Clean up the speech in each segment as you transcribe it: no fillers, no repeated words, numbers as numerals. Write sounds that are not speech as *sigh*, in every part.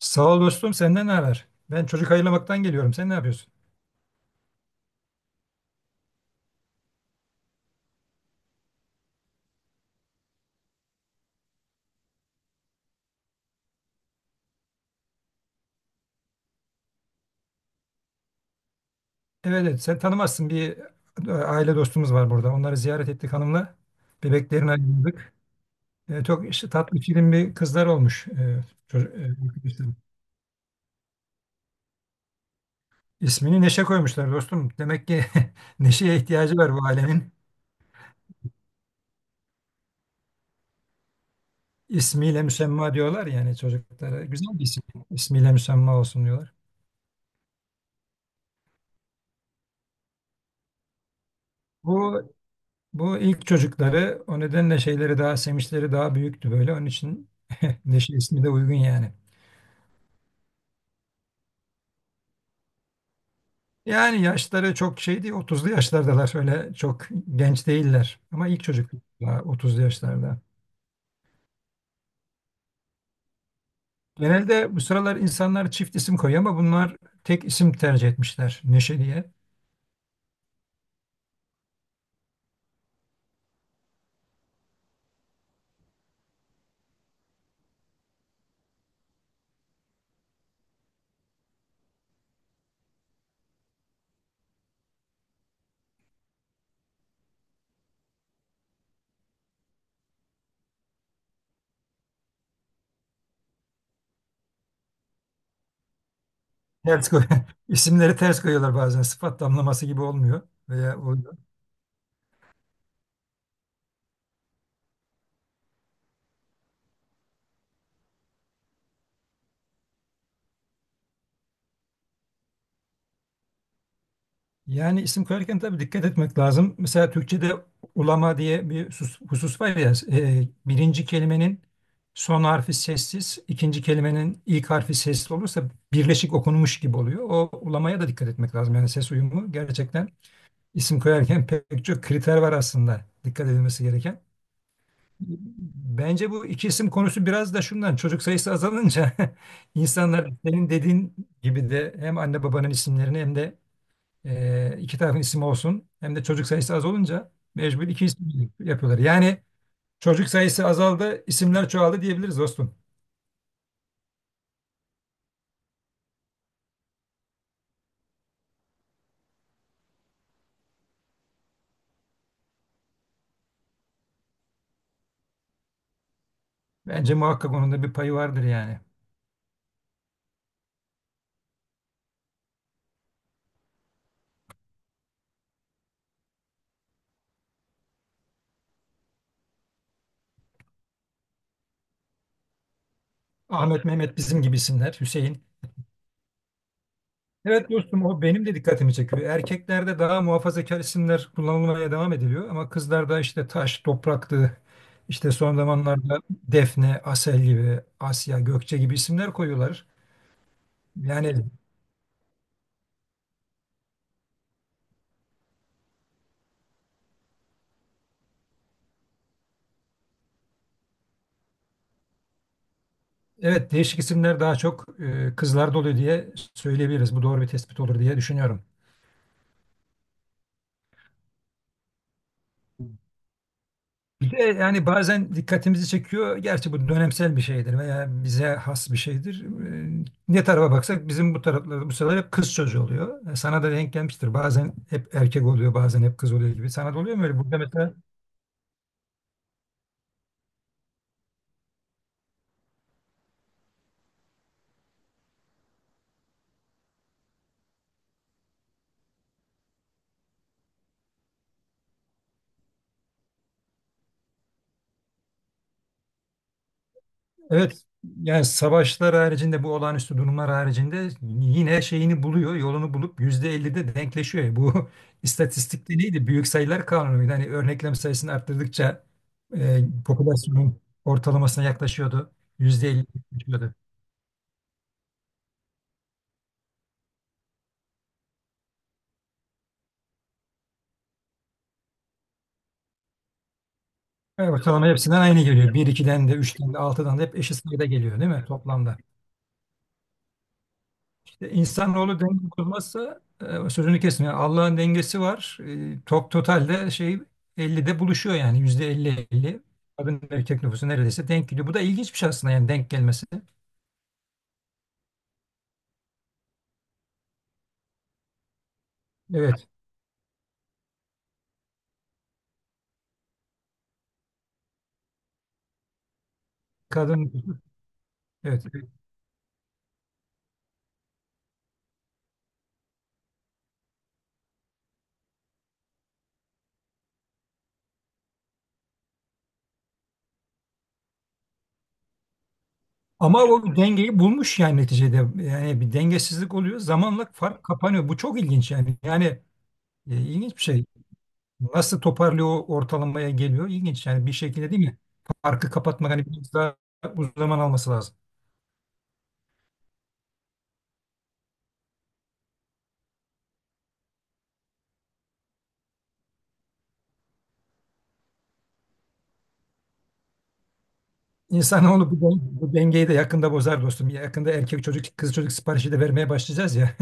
Sağ ol dostum, senden ne haber? Ben çocuk hayırlamaktan geliyorum. Sen ne yapıyorsun? Evet, evet, sen tanımazsın. Bir aile dostumuz var burada. Onları ziyaret ettik hanımla. Bebeklerini ayırdık. Çok işte, tatlı film bir kızlar olmuş. Çocuk, arkadaşlarım. İsmini Neşe koymuşlar dostum. Demek ki *laughs* Neşe'ye ihtiyacı var bu ailenin. İsmiyle müsemma diyorlar yani çocuklara. Güzel bir isim. İsmiyle müsemma olsun diyorlar. Bu Bu ilk çocukları, o nedenle şeyleri daha semişleri daha büyüktü böyle. Onun için *laughs* Neşe ismi de uygun yani. Yani yaşları çok şey değil, 30'lu yaşlardalar, öyle çok genç değiller. Ama ilk çocuk daha 30'lu yaşlarda. Genelde bu sıralar insanlar çift isim koyuyor ama bunlar tek isim tercih etmişler, Neşe diye. Ters koy *laughs* isimleri ters koyuyorlar bazen, sıfat damlaması gibi olmuyor. Veya o Yani isim koyarken tabii dikkat etmek lazım. Mesela Türkçe'de ulama diye bir husus var ya, birinci kelimenin son harfi sessiz, ikinci kelimenin ilk harfi sesli olursa birleşik okunmuş gibi oluyor. O ulamaya da dikkat etmek lazım. Yani ses uyumu, gerçekten isim koyarken *laughs* pek çok kriter var aslında dikkat edilmesi gereken. Bence bu iki isim konusu biraz da şundan: çocuk sayısı azalınca *laughs* insanlar senin dediğin gibi de hem anne babanın isimlerini, hem de iki tarafın ismi olsun. Hem de çocuk sayısı az olunca mecbur iki isim yapıyorlar. Yani çocuk sayısı azaldı, isimler çoğaldı diyebiliriz dostum. Bence muhakkak onun da bir payı vardır yani. Ahmet, Mehmet, bizim gibi isimler. Hüseyin. Evet dostum, o benim de dikkatimi çekiyor. Erkeklerde daha muhafazakar isimler kullanılmaya devam ediliyor. Ama kızlarda işte taş, topraktı, işte son zamanlarda Defne, Asel gibi, Asya, Gökçe gibi isimler koyuyorlar. Yani, evet, değişik isimler daha çok kızlarda oluyor diye söyleyebiliriz. Bu doğru bir tespit olur diye düşünüyorum. Bir de yani bazen dikkatimizi çekiyor. Gerçi bu dönemsel bir şeydir veya bize has bir şeydir. Ne tarafa baksak bizim bu taraflarda bu sefer hep kız çocuğu oluyor. Sana da denk gelmiştir. Bazen hep erkek oluyor, bazen hep kız oluyor gibi. Sana da oluyor mu öyle? Burada mesela. Evet, yani savaşlar haricinde, bu olağanüstü durumlar haricinde, yine şeyini buluyor, yolunu bulup %50'de denkleşiyor. Yani, bu *laughs* istatistikte neydi? Büyük sayılar kanunuydu. Hani örneklem sayısını arttırdıkça e, popülasyonun ortalamasına yaklaşıyordu. %50 yaklaşıyordu. Evet, ortalama hepsinden aynı geliyor. Bir ikiden de, üçten de, altıdan da hep eşit sayıda geliyor değil mi toplamda? İnsanoğlu denge kurmazsa, sözünü kesin. Yani Allah'ın dengesi var. Totalde şey 50'de buluşuyor, yani yüzde elli elli. Kadın erkek nüfusu neredeyse denk geliyor. Bu da ilginç bir şey aslında, yani denk gelmesi. Evet. Kadın nüfusu. Evet. Ama o dengeyi bulmuş yani neticede. Yani bir dengesizlik oluyor. Zamanla fark kapanıyor. Bu çok ilginç yani. Yani ilginç bir şey. Nasıl toparlıyor, o ortalamaya geliyor? İlginç yani, bir şekilde değil mi? Farkı kapatmak hani biraz daha uzun zaman alması lazım. İnsanoğlu bu dengeyi de yakında bozar dostum. Yakında erkek çocuk, kız çocuk siparişi de vermeye başlayacağız ya.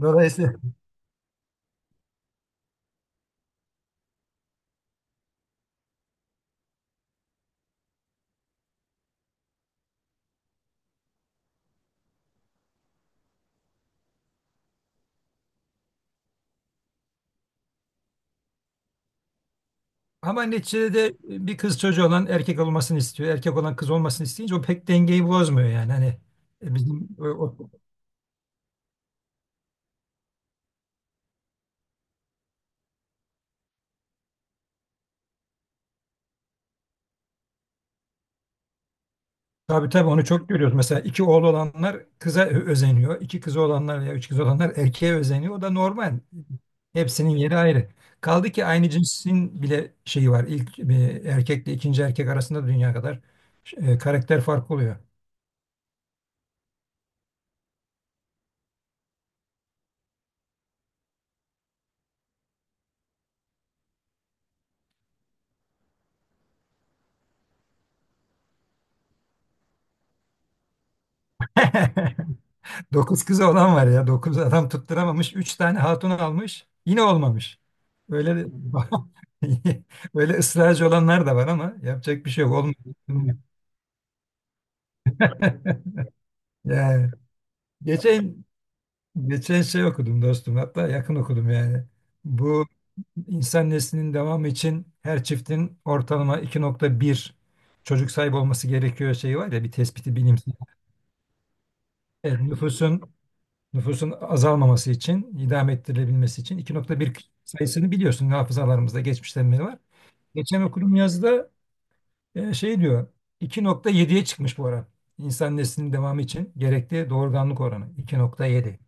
*laughs* Dolayısıyla. Ama neticede de bir kız çocuğu olan erkek olmasını istiyor, erkek olan kız olmasını isteyince, o pek dengeyi bozmuyor yani. Hani e, bizim o, o- tabii tabii onu çok görüyoruz. Mesela iki oğlu olanlar kıza özeniyor. İki kızı olanlar veya üç kızı olanlar erkeğe özeniyor. O da normal. Hepsinin yeri ayrı. Kaldı ki aynı cinsin bile şeyi var. İlk erkekle ikinci erkek arasında dünya kadar karakter farkı oluyor. *laughs* Dokuz kızı olan var ya. Dokuz adam tutturamamış. Üç tane hatun almış. Yine olmamış. Öyle de- *laughs* böyle ısrarcı olanlar da var ama yapacak bir şey yok. Olmuyor. *laughs* Yani geçen geçen şey okudum dostum. Hatta yakın okudum yani. Bu insan neslinin devamı için her çiftin ortalama 2.1 çocuk sahibi olması gerekiyor şeyi var ya, bir tespiti bilimsel. Evet, nüfusun azalmaması için, idame ettirilebilmesi için 2.1 sayısını biliyorsun, hafızalarımızda geçmişten beri var. Geçen okuduğum yazıda şey diyor, 2.7'ye çıkmış bu ara. İnsan neslinin devamı için gerekli doğurganlık oranı 2.7.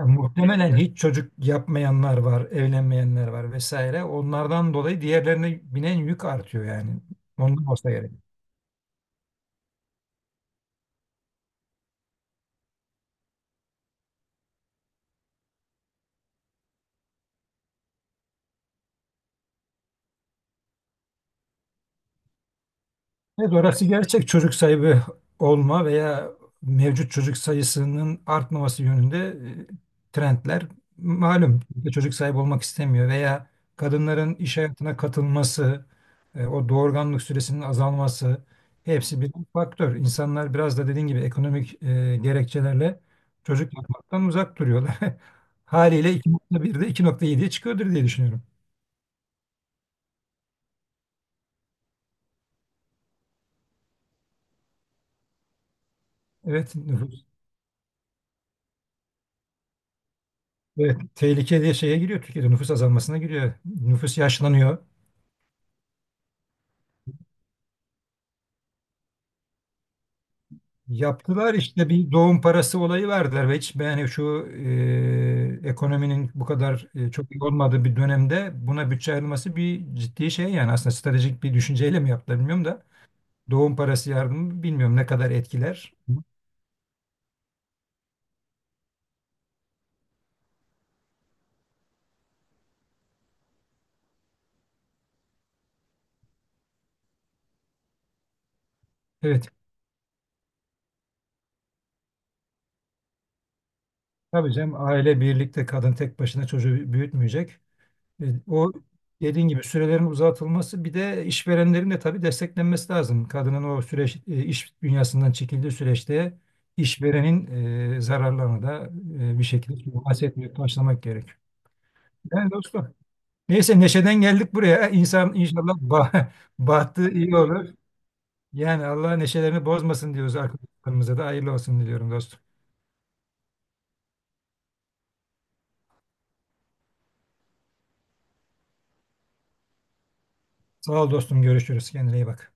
Yani muhtemelen hiç çocuk yapmayanlar var, evlenmeyenler var vesaire. Onlardan dolayı diğerlerine binen yük artıyor yani. Ondan olsa gerek. Evet, orası gerçek, çocuk sahibi olma veya mevcut çocuk sayısının artmaması yönünde trendler malum. Kimse çocuk sahibi olmak istemiyor veya kadınların iş hayatına katılması, o doğurganlık süresinin azalması, hepsi bir faktör. İnsanlar biraz da dediğin gibi ekonomik gerekçelerle çocuk yapmaktan uzak duruyorlar. *laughs* Haliyle iki nokta birde, iki nokta 2.7'ye çıkıyordur diye düşünüyorum. Evet, evet, tehlike diye şeye giriyor, Türkiye'de nüfus azalmasına giriyor. Nüfus yaşlanıyor. Yaptılar işte, bir doğum parası olayı verdiler ve hiç yani şu ekonominin bu kadar çok iyi olmadığı bir dönemde buna bütçe ayrılması bir ciddi şey yani, aslında stratejik bir düşünceyle mi yaptılar bilmiyorum da, doğum parası yardımı bilmiyorum ne kadar etkiler. Evet tabii canım, aile birlikte, kadın tek başına çocuğu büyütmeyecek. O dediğin gibi sürelerin uzatılması, bir de işverenlerin de tabii desteklenmesi lazım. Kadının o süreç, iş dünyasından çekildiği süreçte işverenin zararlarını da bir şekilde bahsetmeye başlamak gerek. Yani dostum. Neyse, neşeden geldik buraya. İnsan inşallah *laughs* bahtı iyi olur. Yani Allah neşelerini bozmasın diyoruz, arkadaşlarımıza da hayırlı olsun diliyorum dostum. Sağ ol dostum, görüşürüz. Kendine iyi bak.